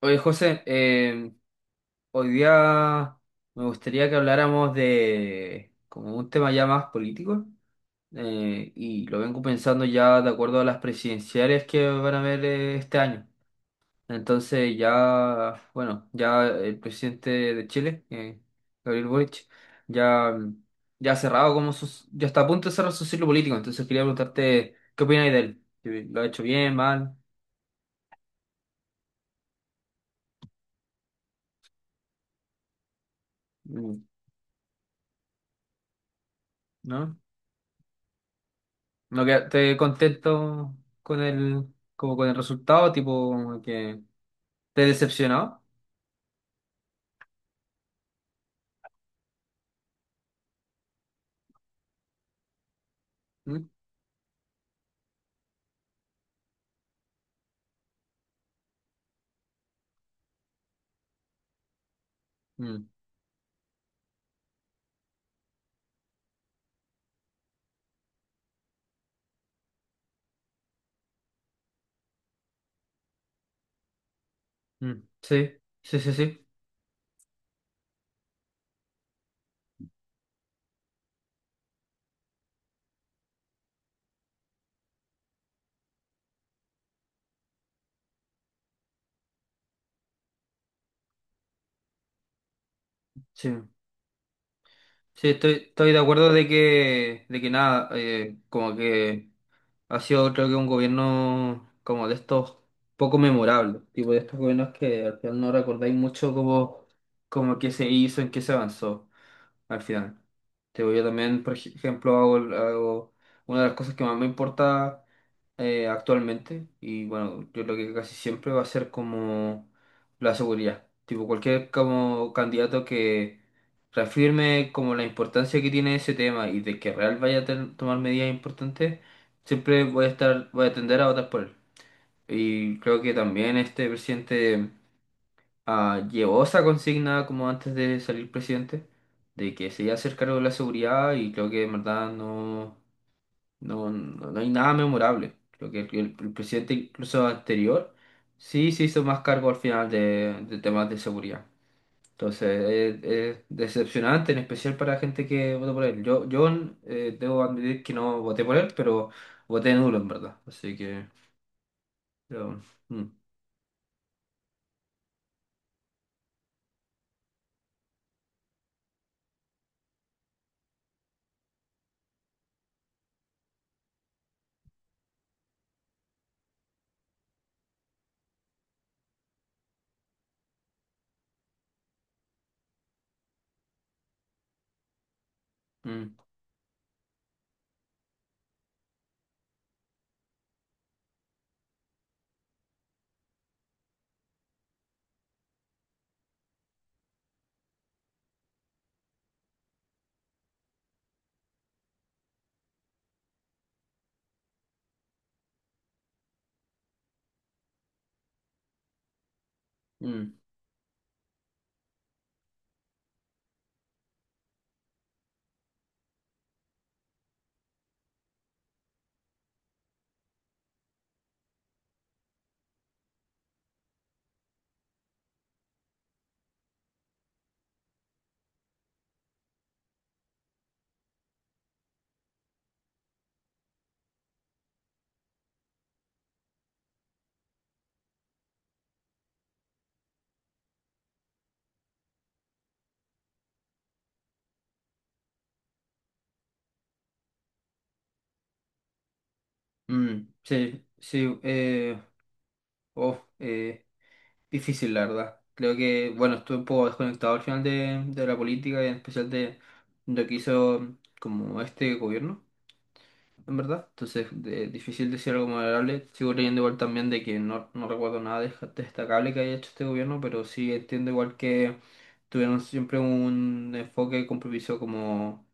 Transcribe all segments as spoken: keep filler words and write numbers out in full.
Oye, José, eh, hoy día me gustaría que habláramos de como un tema ya más político, eh, y lo vengo pensando ya de acuerdo a las presidenciales que van a haber, eh, este año. Entonces ya, bueno, ya el presidente de Chile, eh, Gabriel Boric, ya, ya ha cerrado como sus, ya está a punto de cerrar su ciclo político. Entonces quería preguntarte, ¿qué opinas de él? ¿Lo ha hecho bien, mal? Mm. ¿No? No, que te contento con el, como con el resultado, tipo que te decepcionó. ¿Mm? Mm, mm. Sí, sí, sí, sí. Sí, sí, estoy, estoy de acuerdo de que, de que nada, eh, como que ha sido creo que un gobierno como de estos poco memorable, tipo de estos gobiernos que al final no recordáis mucho como, como qué se hizo, en qué se avanzó. Al final, te digo, yo también, por ej- ejemplo, hago, el- hago una de las cosas que más me importa, eh, actualmente, y bueno, yo lo que casi siempre va a ser como la seguridad. Tipo, cualquier como candidato que reafirme como la importancia que tiene ese tema y de que real vaya a ten- tomar medidas importantes, siempre voy a estar, voy a tender a votar por él. Y creo que también este presidente, ah, llevó esa consigna como antes de salir presidente, de que se iba a hacer cargo de la seguridad y creo que en verdad no, no, no, no hay nada memorable. Creo que el, el presidente incluso anterior sí se hizo más cargo al final de, de temas de seguridad. Entonces es, es decepcionante, en especial para gente que votó por él. Yo, yo eh, debo admitir que no voté por él, pero voté nulo en verdad. Así que... pero, mm, mm, mm, mm. sí, sí. eh, Uf, eh, difícil, la verdad. Creo que, bueno, estuve un poco desconectado al final de, de la política y en especial de, de lo que hizo como este gobierno, en verdad. Entonces, de- difícil decir algo moderable. Sigo leyendo igual también de que no, no recuerdo nada de- destacable que haya hecho este gobierno, pero sí entiendo igual que tuvieron siempre un enfoque y compromiso como,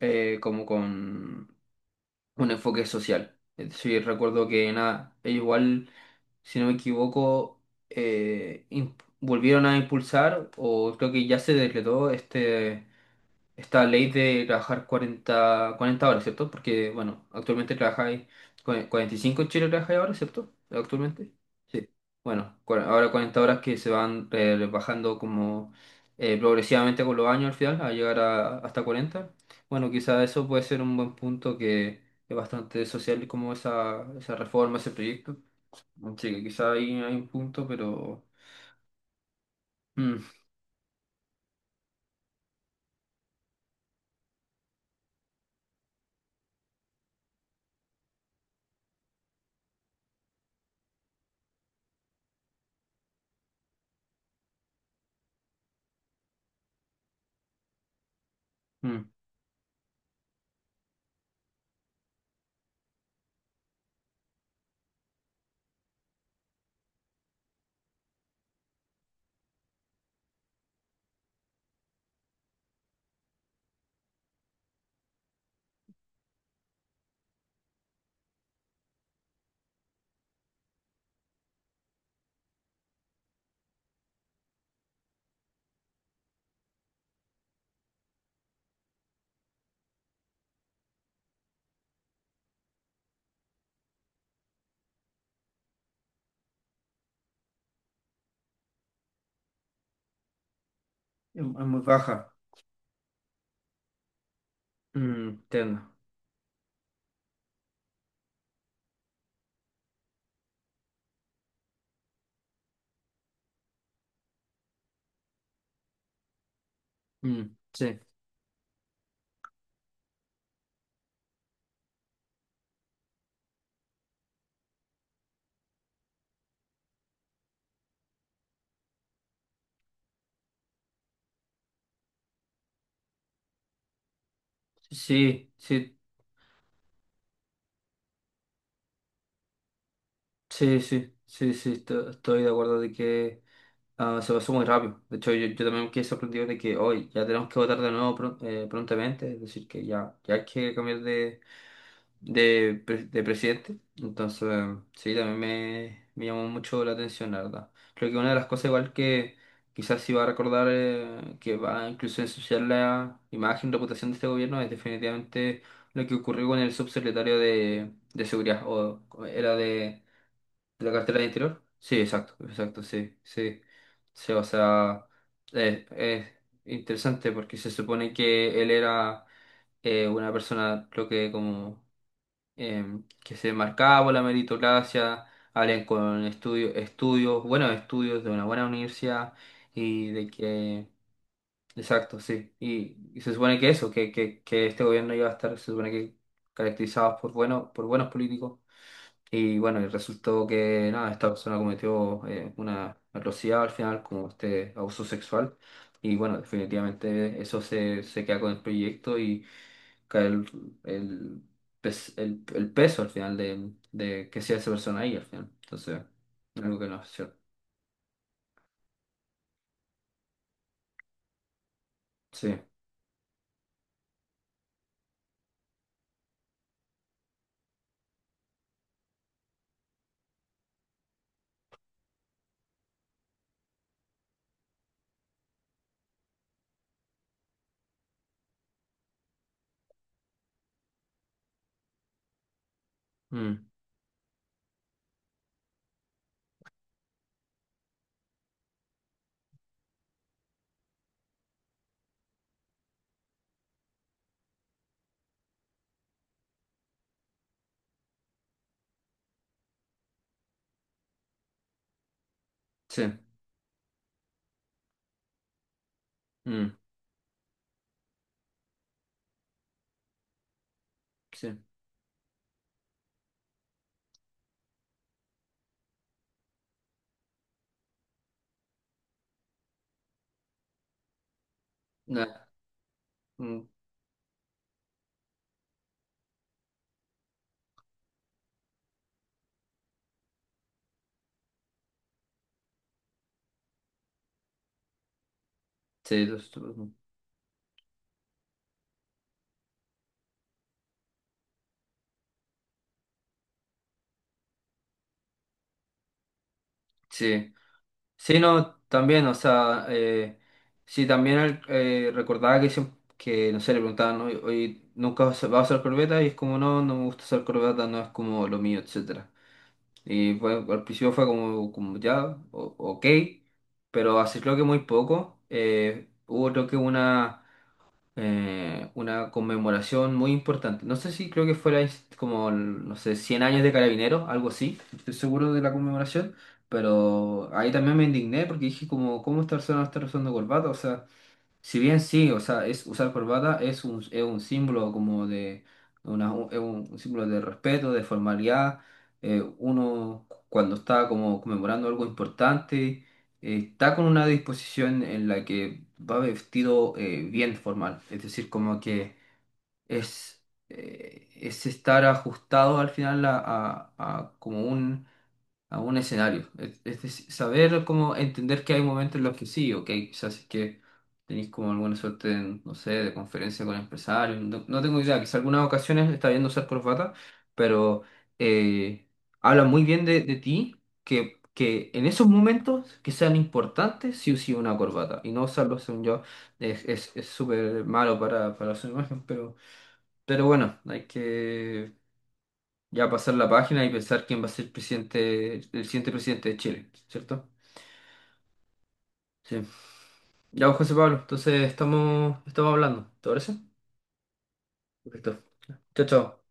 eh, como con un enfoque social. Es decir, recuerdo que nada, ellos igual, si no me equivoco, eh, im- volvieron a impulsar, o creo que ya se decretó este, esta ley de trabajar cuarenta, cuarenta horas, ¿cierto? Porque, bueno, actualmente trabajáis cua- cuarenta y cinco en Chile, trabajáis ahora, ¿cierto? Actualmente. Bueno, cua- ahora cuarenta horas que se van, eh, rebajando como, eh, progresivamente con los años al final, a llegar a, hasta cuarenta. Bueno, quizá eso puede ser un buen punto que es bastante social como esa, esa reforma, ese proyecto. Sí, que quizá ahí hay un punto, pero mm, mm, es es muy baja. Mm, entiendo. Mm, sí, sí, sí, sí, sí, sí, sí, esto- estoy de acuerdo de que... Ah, se pasó muy rápido. De hecho, yo, yo también me quedé sorprendido de que hoy ya tenemos que votar de nuevo pro- eh, prontamente, es decir, que ya, ya hay que cambiar de, de, pre- de presidente. Entonces, sí, también me, me llamó mucho la atención, la verdad. Creo que una de las cosas igual que quizás sí va a recordar, eh, que va incluso a ensuciar la imagen, reputación de este gobierno, es definitivamente lo que ocurrió con el subsecretario de, de Seguridad, o era... ¿La cartera de interior? Sí, exacto, exacto, sí, sí. Sí, o sea, es, es interesante porque se supone que él era, eh, una persona, creo que como, em, que se marcaba por la meritocracia, alguien con estudio- estudios, buenos estudios de una buena universidad y de que, exacto, sí, y, y se supone que eso, que, que, que este gobierno iba a estar, se supone que caracterizados por, bueno, por buenos políticos y bueno, y resultó que nada, esta persona cometió, eh, una atrocidad al final, como este abuso sexual. Y bueno, definitivamente eso se, se queda con el proyecto y cae el, el, pes- el, el peso al final de, de que sea esa persona ahí al final. Entonces, algo que no es cierto. Sí, mm, sí, mm, sí. Nah, mm, sí, los- sí. Sí, no, también, o sea, eh, sí, también el- eh, recordaba que, siem- que, no sé, le preguntaban, ¿no? Oye, ¿nunca vas a vas a usar corbeta? Y es como, no, no me gusta usar corbeta, no es como lo mío, etcétera. Y fue- al principio fue como, como ya, o- ok, pero hace creo que muy poco, eh, hubo creo que una, eh, una conmemoración muy importante. No sé si creo que fuera es como, no sé, cien años de Carabineros, algo así, no estoy seguro de la conmemoración, pero ahí también me indigné porque dije como, ¿cómo esta persona no está usando corbata? O sea... Si bien sí, o sea, es usar corbata es un, es un símbolo como de una, un, es un símbolo de respeto, de formalidad. eh, uno cuando está como conmemorando algo importante, eh, está con una disposición en la que va vestido, eh, bien formal. Es decir, como que es, eh, es estar ajustado al final a, a- a como un, a un escenario. Es, es deci- saber cómo entender que hay momentos en los que sí, ok, quizás si es que tenéis como alguna suerte, en, no sé, de conferencia con empresarios, no, no tengo idea, quizás algunas ocasiones está viendo usar corbata, pero, eh, habla muy bien de, de ti que, que en esos momentos que sean importantes, sí o sí una corbata, y no usarlo, según yo, es, es, es súper malo para, para su imagen, pero, pero bueno, hay que... ya pasar la página y pensar quién va a ser presidente, el siguiente presidente de Chile, ¿cierto? Sí. Ya, pues, José Pablo, entonces estamos, estamos hablando, ¿te parece? Perfecto. Chao, chao.